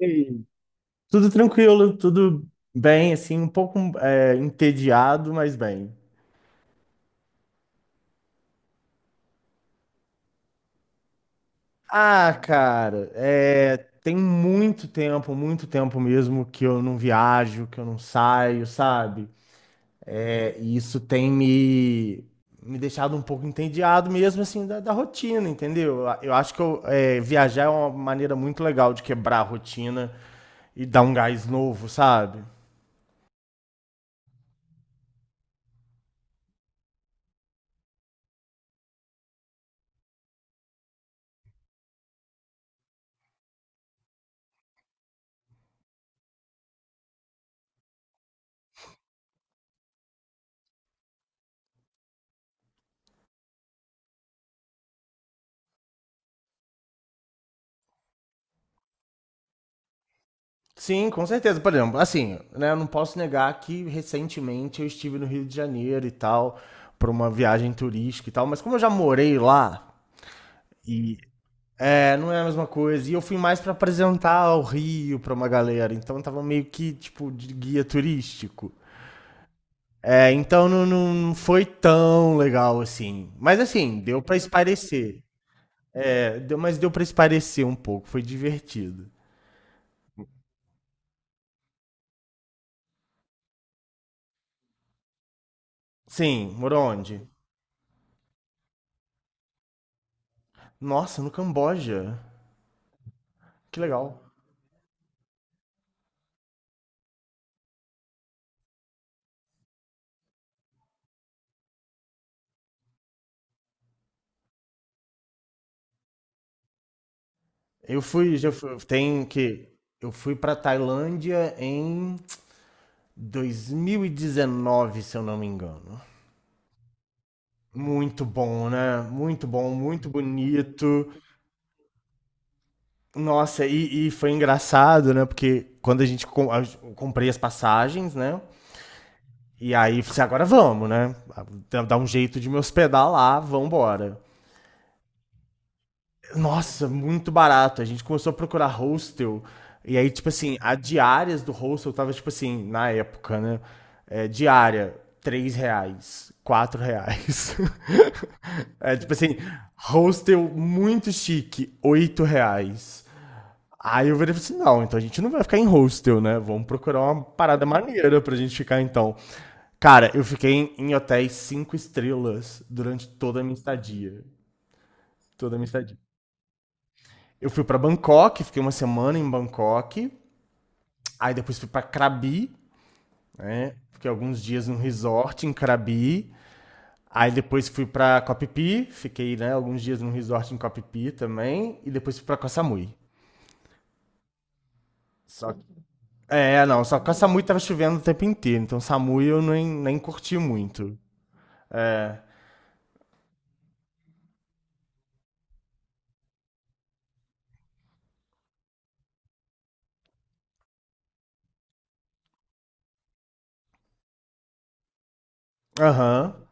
Ei, tudo tranquilo, tudo bem, assim, um pouco entediado, mas bem. Ah, cara, tem muito tempo mesmo que eu não viajo, que eu não saio, sabe? É, e isso tem me deixado um pouco entediado mesmo, assim, da rotina, entendeu? Eu acho que eu viajar é uma maneira muito legal de quebrar a rotina e dar um gás novo, sabe? Sim, com certeza. Por exemplo, assim, né, eu não posso negar que recentemente eu estive no Rio de Janeiro e tal, para uma viagem turística e tal, mas como eu já morei lá e é, não é a mesma coisa. E eu fui mais para apresentar o Rio para uma galera, então eu tava meio que tipo de guia turístico. É, então não foi tão legal assim. Mas assim, deu para espairecer. É, deu, mas deu para espairecer um pouco, foi divertido. Sim, morou onde? Nossa, no Camboja. Que legal. Eu fui, já fui, tem que eu fui pra Tailândia em 2019, se eu não me engano. Muito bom, né? Muito bom, muito bonito. Nossa, e foi engraçado, né? Porque quando a gente com- a- eu comprei as passagens, né? E aí eu falei, assim, agora vamos, né? Dá um jeito de me hospedar lá, vambora. Nossa, muito barato. A gente começou a procurar hostel. E aí, tipo assim, a diárias do hostel tava, tipo assim, na época, né? É, diária, 3 reais, 4 reais. É, tipo assim, hostel muito chique, 8 reais. Aí eu virei e falei assim, não, então a gente não vai ficar em hostel, né? Vamos procurar uma parada maneira pra gente ficar, então. Cara, eu fiquei em hotéis 5 estrelas durante toda a minha estadia. Toda a minha estadia. Eu fui pra Bangkok, fiquei uma semana em Bangkok. Aí depois fui pra Krabi, né? Fiquei alguns dias num resort em Krabi. Aí depois fui pra Koh Phi, Phi fiquei, né, alguns dias num resort em Koh Phi Phi também. E depois fui pra Koh Samui. Só que... é, não, só que Koh Samui tava chovendo o tempo inteiro. Então Samui eu nem curti muito. Aham,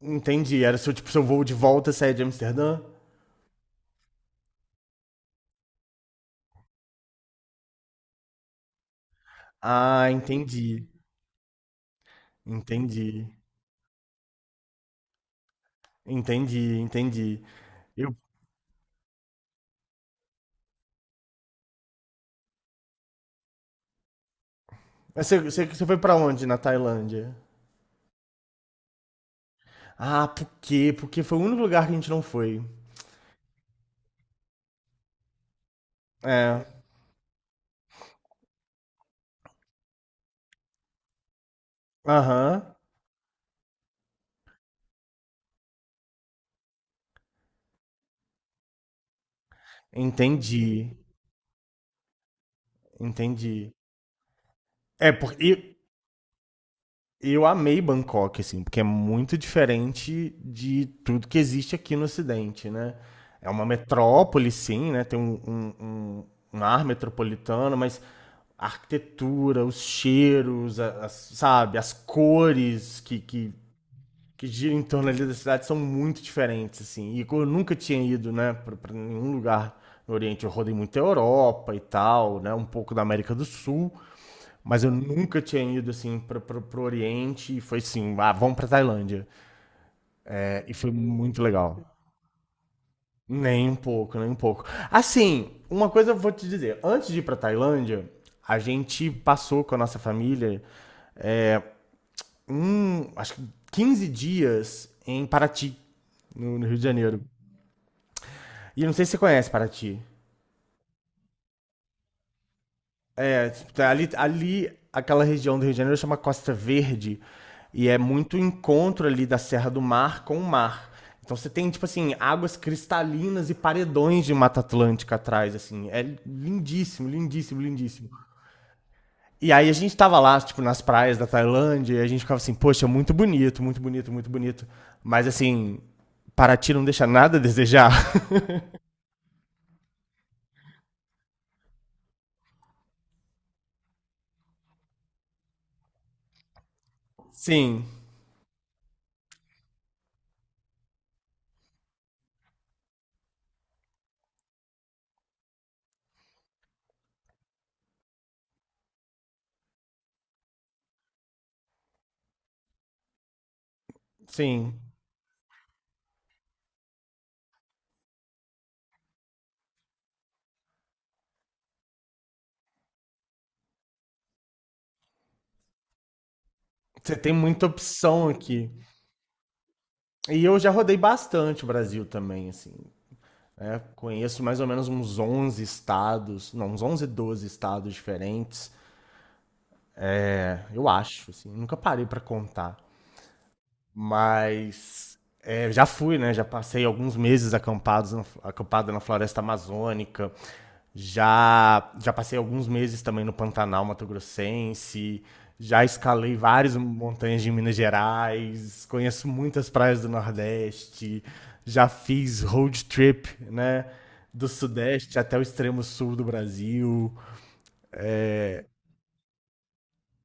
entendi. Era seu, tipo, seu voo de volta sair de Amsterdã? Ah, entendi. Entendi. Entendi. Eu Mas você foi pra onde na Tailândia? Ah, por quê? Porque foi o único lugar que a gente não foi. É. Aham. Entendi. Entendi. É, porque eu amei Bangkok, assim, porque é muito diferente de tudo que existe aqui no Ocidente, né? É uma metrópole, sim, né? Tem um- um ar metropolitano, mas a arquitetura, os cheiros, sabe, as cores que gira em torno ali da cidade são muito diferentes, assim. E eu nunca tinha ido, né, pra nenhum lugar no Oriente. Eu rodei muito a Europa e tal, né, um pouco da América do Sul, mas eu nunca tinha ido, assim, pro Oriente. E foi assim, ah, vamos pra Tailândia. É, e foi muito legal. Nem um pouco, nem um pouco. Assim, uma coisa eu vou te dizer. Antes de ir pra Tailândia, a gente passou com a nossa família, um, acho que 15 dias em Paraty, no Rio de Janeiro. E não sei se você conhece Paraty. É, tipo, aquela região do Rio de Janeiro chama Costa Verde. E é muito encontro ali da Serra do Mar com o mar. Então você tem, tipo assim, águas cristalinas e paredões de Mata Atlântica atrás, assim. É lindíssimo, lindíssimo, lindíssimo. E aí a gente tava lá, tipo, nas praias da Tailândia, e a gente ficava assim, poxa, muito bonito, muito bonito, muito bonito. Mas assim, Paraty não deixa nada a desejar. Sim, sim. Você tem muita opção aqui. E eu já rodei bastante o Brasil também, assim. Né? Conheço mais ou menos uns 11 estados, não, uns 11, 12 estados diferentes. É, eu acho, assim. Nunca parei pra contar. Mas é, já fui, né? Já passei alguns meses acampado na floresta amazônica. Já passei alguns meses também no Pantanal Mato Grossense. Já escalei várias montanhas de Minas Gerais. Conheço muitas praias do Nordeste. Já fiz road trip, né? Do Sudeste até o extremo sul do Brasil.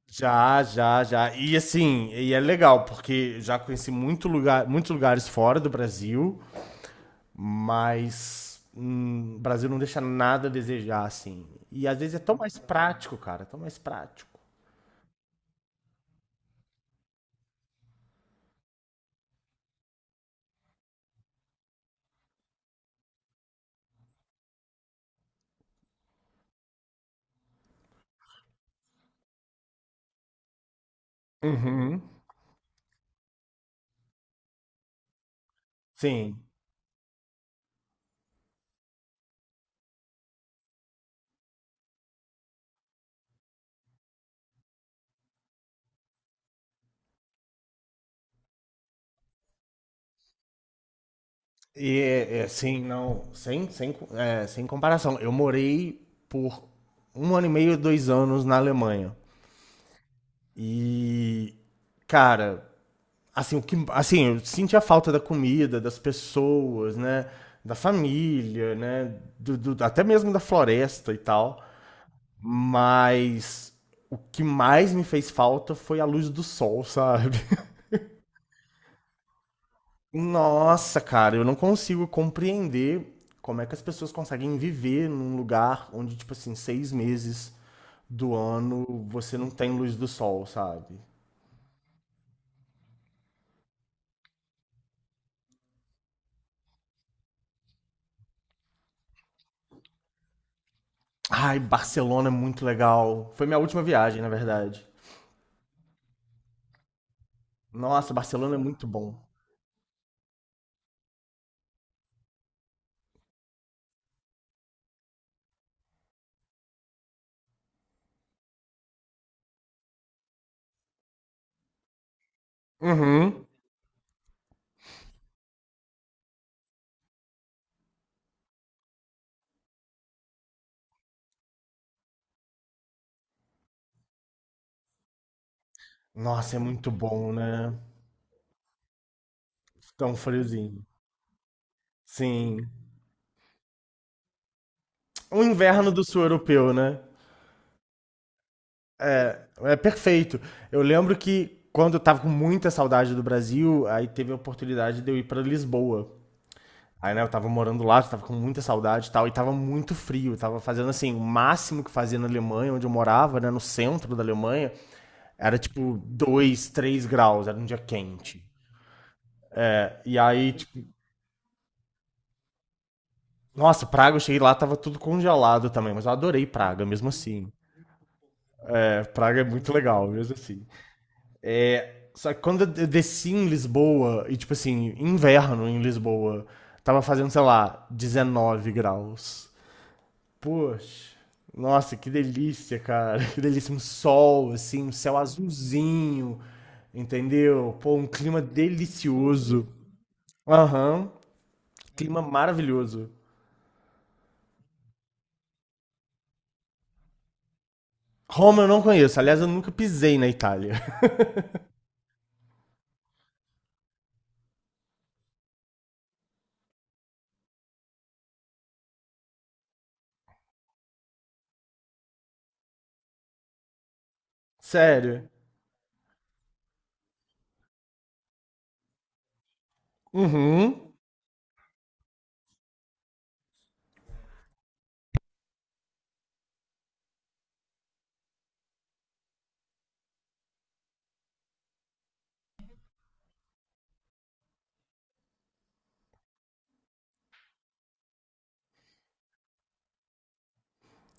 Já. E assim, e é legal, porque já conheci muito lugar, muitos lugares fora do Brasil. Mas o Brasil não deixa nada a desejar, assim. E às vezes é tão mais prático, cara, tão mais prático. Uhum. Sim. E sem comparação. Eu morei por um ano e meio, 2 anos na Alemanha. E, cara, assim, assim, eu senti a falta da comida, das pessoas, né? Da família, né? Até mesmo da floresta e tal. Mas o que mais me fez falta foi a luz do sol, sabe? Nossa, cara, eu não consigo compreender como é que as pessoas conseguem viver num lugar onde, tipo assim, 6 meses do ano você não tem luz do sol, sabe? Ai, Barcelona é muito legal. Foi minha última viagem, na verdade. Nossa, Barcelona é muito bom. Uhum. Nossa, é muito bom, né? Tão friozinho. Sim. O inverno do sul europeu, né? É, é perfeito. Eu lembro que quando eu tava com muita saudade do Brasil, aí teve a oportunidade de eu ir pra Lisboa. Aí, né, eu tava morando lá, tava com muita saudade e tal, e tava muito frio. Eu tava fazendo, assim, o máximo que fazia na Alemanha, onde eu morava, né, no centro da Alemanha, era tipo 2, 3 graus, era um dia quente. E aí, tipo, nossa, Praga, eu cheguei lá, tava tudo congelado também, mas eu adorei Praga, mesmo assim. É, Praga é muito legal, mesmo assim. Só que quando eu desci em Lisboa, e tipo assim, inverno em Lisboa, tava fazendo, sei lá, 19 graus. Poxa, nossa, que delícia, cara. Que delícia, um sol, assim, um céu azulzinho, entendeu? Pô, um clima delicioso. Aham, clima maravilhoso. Roma eu não conheço, aliás, eu nunca pisei na Itália. Sério. Uhum.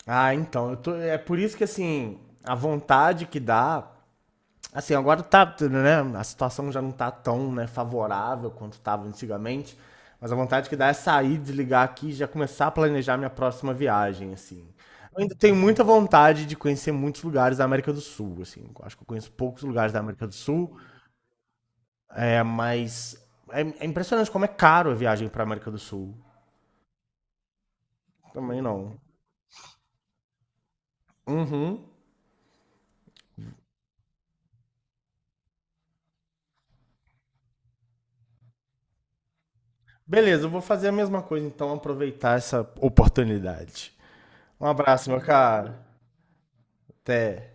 Ah, então, eu tô... é por isso que, assim, a vontade que dá assim, agora tá, né? A situação já não tá tão né, favorável quanto tava antigamente. Mas a vontade que dá é sair, desligar aqui e já começar a planejar minha próxima viagem, assim. Eu ainda tenho muita vontade de conhecer muitos lugares da América do Sul, assim. Eu acho que eu conheço poucos lugares da América do Sul, é, mas é, é impressionante como é caro a viagem para América do Sul. Também não. Uhum. Beleza, eu vou fazer a mesma coisa, então, aproveitar essa oportunidade. Um abraço, meu cara. Até.